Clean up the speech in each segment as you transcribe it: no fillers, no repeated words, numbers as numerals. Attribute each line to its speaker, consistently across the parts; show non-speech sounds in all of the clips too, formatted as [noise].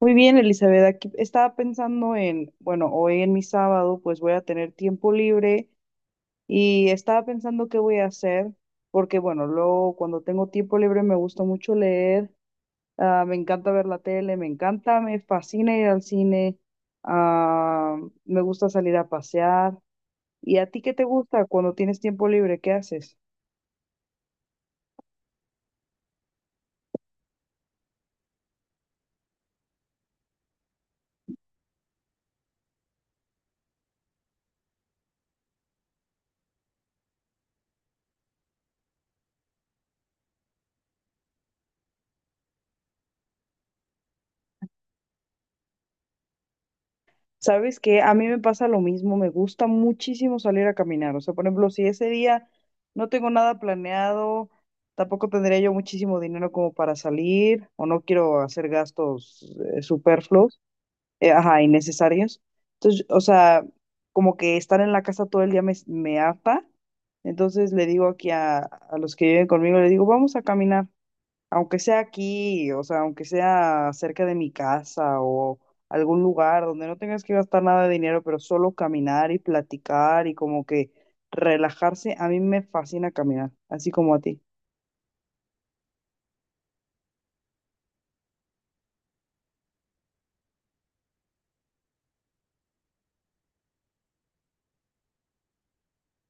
Speaker 1: Muy bien, Elizabeth. Aquí estaba pensando en, bueno, hoy en mi sábado pues voy a tener tiempo libre y estaba pensando qué voy a hacer porque, bueno, luego cuando tengo tiempo libre me gusta mucho leer, me encanta ver la tele, me encanta, me fascina ir al cine, ah, me gusta salir a pasear. ¿Y a ti qué te gusta cuando tienes tiempo libre? ¿Qué haces? ¿Sabes qué? A mí me pasa lo mismo, me gusta muchísimo salir a caminar. O sea, por ejemplo, si ese día no tengo nada planeado, tampoco tendría yo muchísimo dinero como para salir o no quiero hacer gastos superfluos, ajá, innecesarios. Entonces, o sea, como que estar en la casa todo el día me harta. Entonces le digo aquí a los que viven conmigo, le digo, vamos a caminar aunque sea aquí, o sea, aunque sea cerca de mi casa o algún lugar donde no tengas que gastar nada de dinero, pero solo caminar y platicar y como que relajarse, a mí me fascina caminar, así como a ti.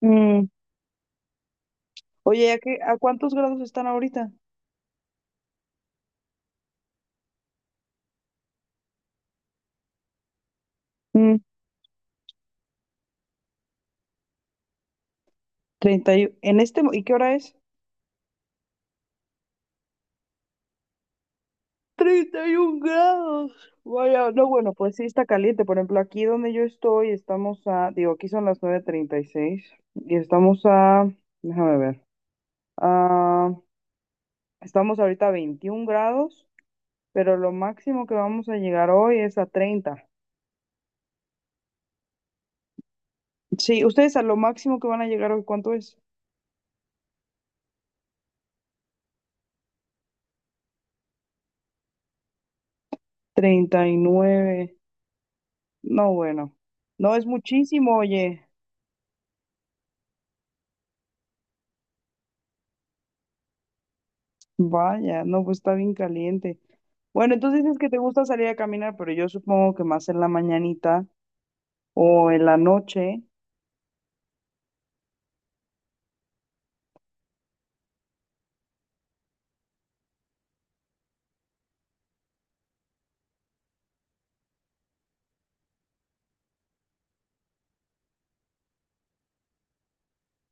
Speaker 1: Mm. Oye, ¿a cuántos grados están ahorita? Mm. 31. ¿En este, y qué hora es? 31 grados. Vaya, no, bueno, pues sí está caliente. Por ejemplo, aquí donde yo estoy, estamos a, digo, aquí son las 9:36 y seis y estamos a, déjame ver, estamos ahorita a 21 grados, pero lo máximo que vamos a llegar hoy es a 30. Sí, ustedes a lo máximo que van a llegar hoy, ¿cuánto es? 39. No, bueno. No es muchísimo, oye. Vaya, no, pues está bien caliente. Bueno, entonces dices que te gusta salir a caminar, pero yo supongo que más en la mañanita o en la noche.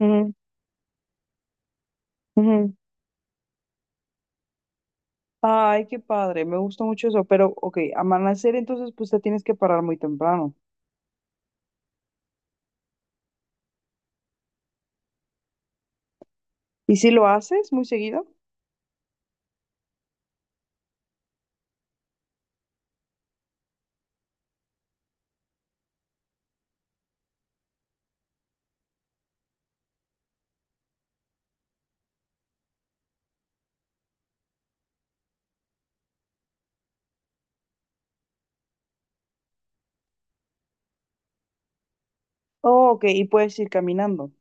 Speaker 1: Ujú, ujú. Ay, qué padre, me gusta mucho eso. Pero, ok, amanecer entonces pues te tienes que parar muy temprano. ¿Y si lo haces muy seguido? Oh, ok, y puedes ir caminando.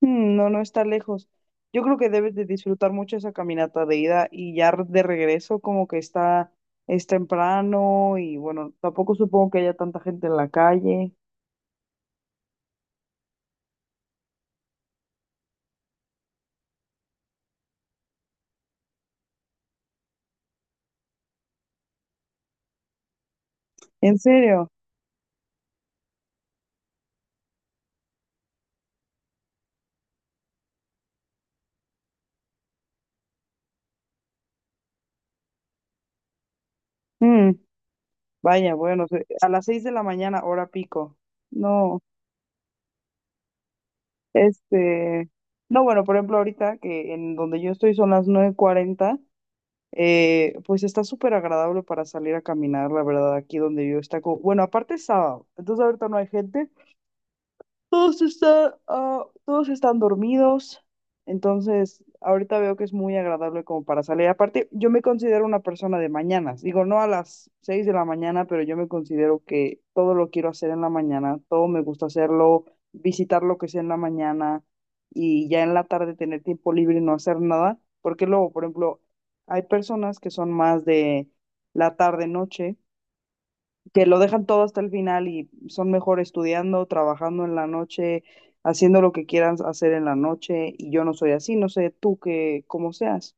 Speaker 1: Hmm, no, no está lejos. Yo creo que debes de disfrutar mucho esa caminata de ida y ya de regreso como que está, es temprano y bueno, tampoco supongo que haya tanta gente en la calle. ¿En serio? Hmm, vaya, bueno, a las seis de la mañana, hora pico. No, este, no, bueno, por ejemplo, ahorita que en donde yo estoy son las 9:40. Pues está súper agradable para salir a caminar, la verdad, aquí donde yo está como, bueno, aparte es sábado, entonces ahorita no hay gente, todos están dormidos, entonces ahorita veo que es muy agradable como para salir. Aparte, yo me considero una persona de mañanas. Digo, no a las 6 de la mañana, pero yo me considero que todo lo quiero hacer en la mañana, todo me gusta hacerlo, visitar lo que sea en la mañana y ya en la tarde tener tiempo libre y no hacer nada. Porque luego, por ejemplo, hay personas que son más de la tarde-noche que lo dejan todo hasta el final y son mejor estudiando, trabajando en la noche, haciendo lo que quieran hacer en la noche y yo no soy así, no sé tú que cómo seas.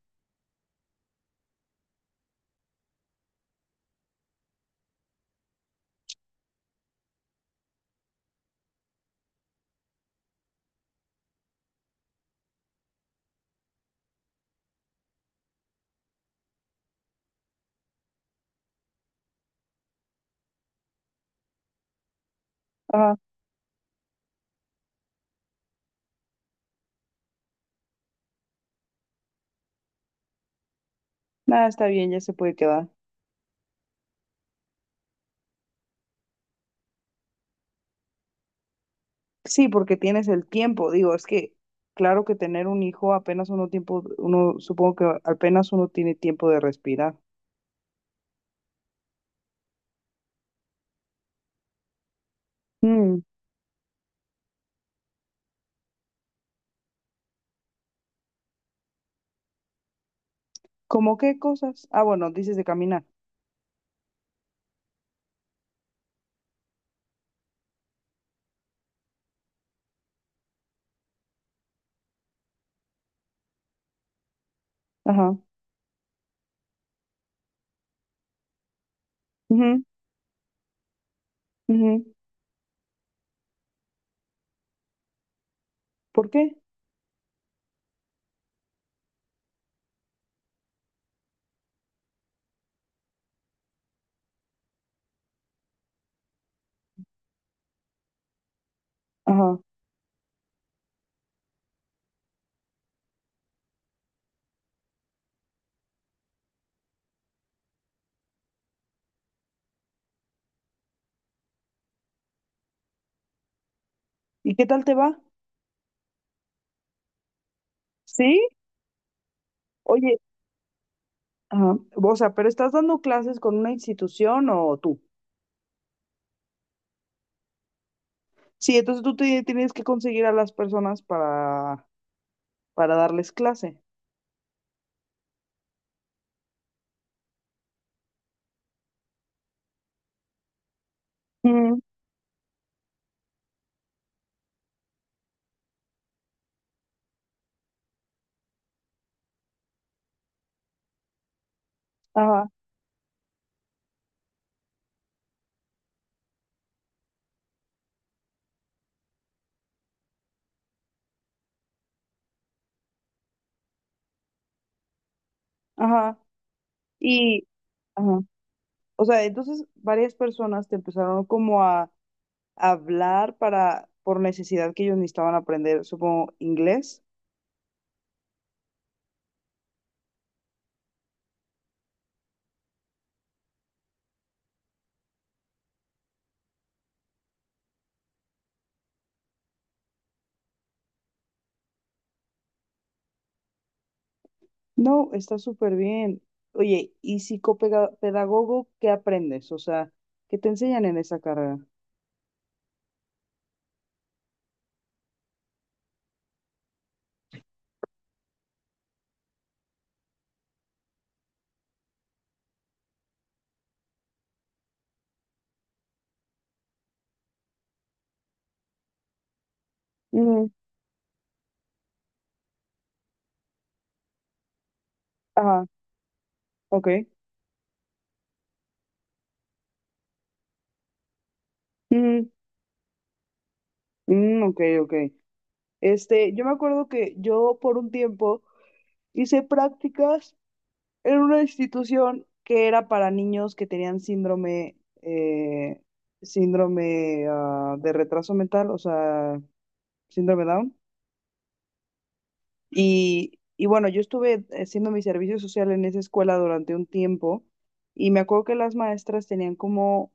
Speaker 1: Ajá. Nada, está bien, ya se puede quedar. Sí, porque tienes el tiempo, digo, es que claro que tener un hijo apenas uno tiempo, uno supongo que apenas uno tiene tiempo de respirar. Mm. ¿Cómo qué cosas? Ah, bueno, dices de caminar. Ajá. Ujú, ujú. ¿Por qué? Ajá. ¿Y qué tal te va? ¿Sí? Oye. Ajá. O sea, pero estás dando clases con una institución o tú. Sí, entonces tienes que conseguir a las personas para darles clase. Ujú. Ajá, ajá. Y, ajá. O sea, entonces varias personas te empezaron como a, hablar para, por necesidad que ellos necesitaban aprender, supongo, inglés. No, está súper bien. Oye, ¿y psicopedagogo qué aprendes? O sea, ¿qué te enseñan en esa carrera? Ujú. Ajá, ok. Mm, ok, ok. Este, yo me acuerdo que yo por un tiempo hice prácticas en una institución que era para niños que tenían eh, síndrome de retraso mental, o sea, síndrome Down. Y bueno, yo estuve haciendo mi servicio social en esa escuela durante un tiempo y me acuerdo que las maestras tenían como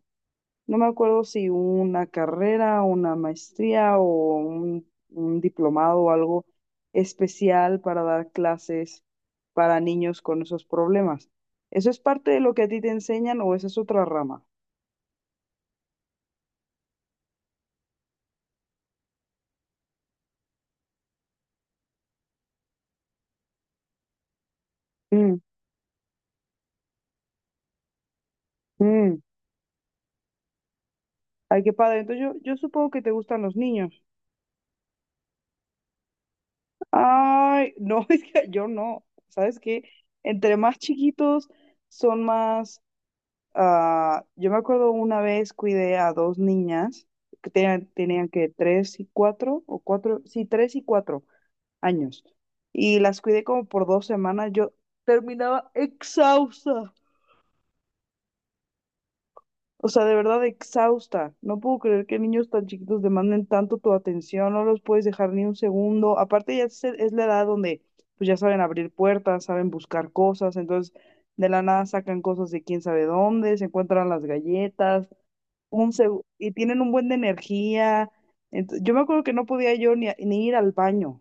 Speaker 1: no me acuerdo si una carrera, una maestría o un diplomado o algo especial para dar clases para niños con esos problemas. ¿Eso es parte de lo que a ti te enseñan o esa es otra rama? Mm, mm. Ay, qué padre. Entonces yo supongo que te gustan los niños. Ay, no, [laughs] es que yo no. ¿Sabes qué? Entre más chiquitos son más. Ah, yo me acuerdo una vez cuidé a dos niñas que tenían que tres y cuatro, o cuatro, sí, tres y cuatro años. Y las cuidé como por dos semanas. Yo terminaba exhausta. O sea, de verdad exhausta. No puedo creer que niños tan chiquitos demanden tanto tu atención. No los puedes dejar ni un segundo. Aparte ya es la edad donde pues ya saben abrir puertas, saben buscar cosas. Entonces de la nada sacan cosas de quién sabe dónde, se encuentran las galletas y tienen un buen de energía. Yo me acuerdo que no podía yo ni ir al baño.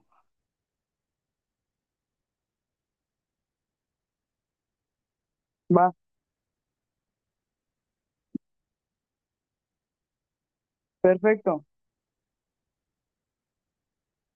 Speaker 1: Va, perfecto.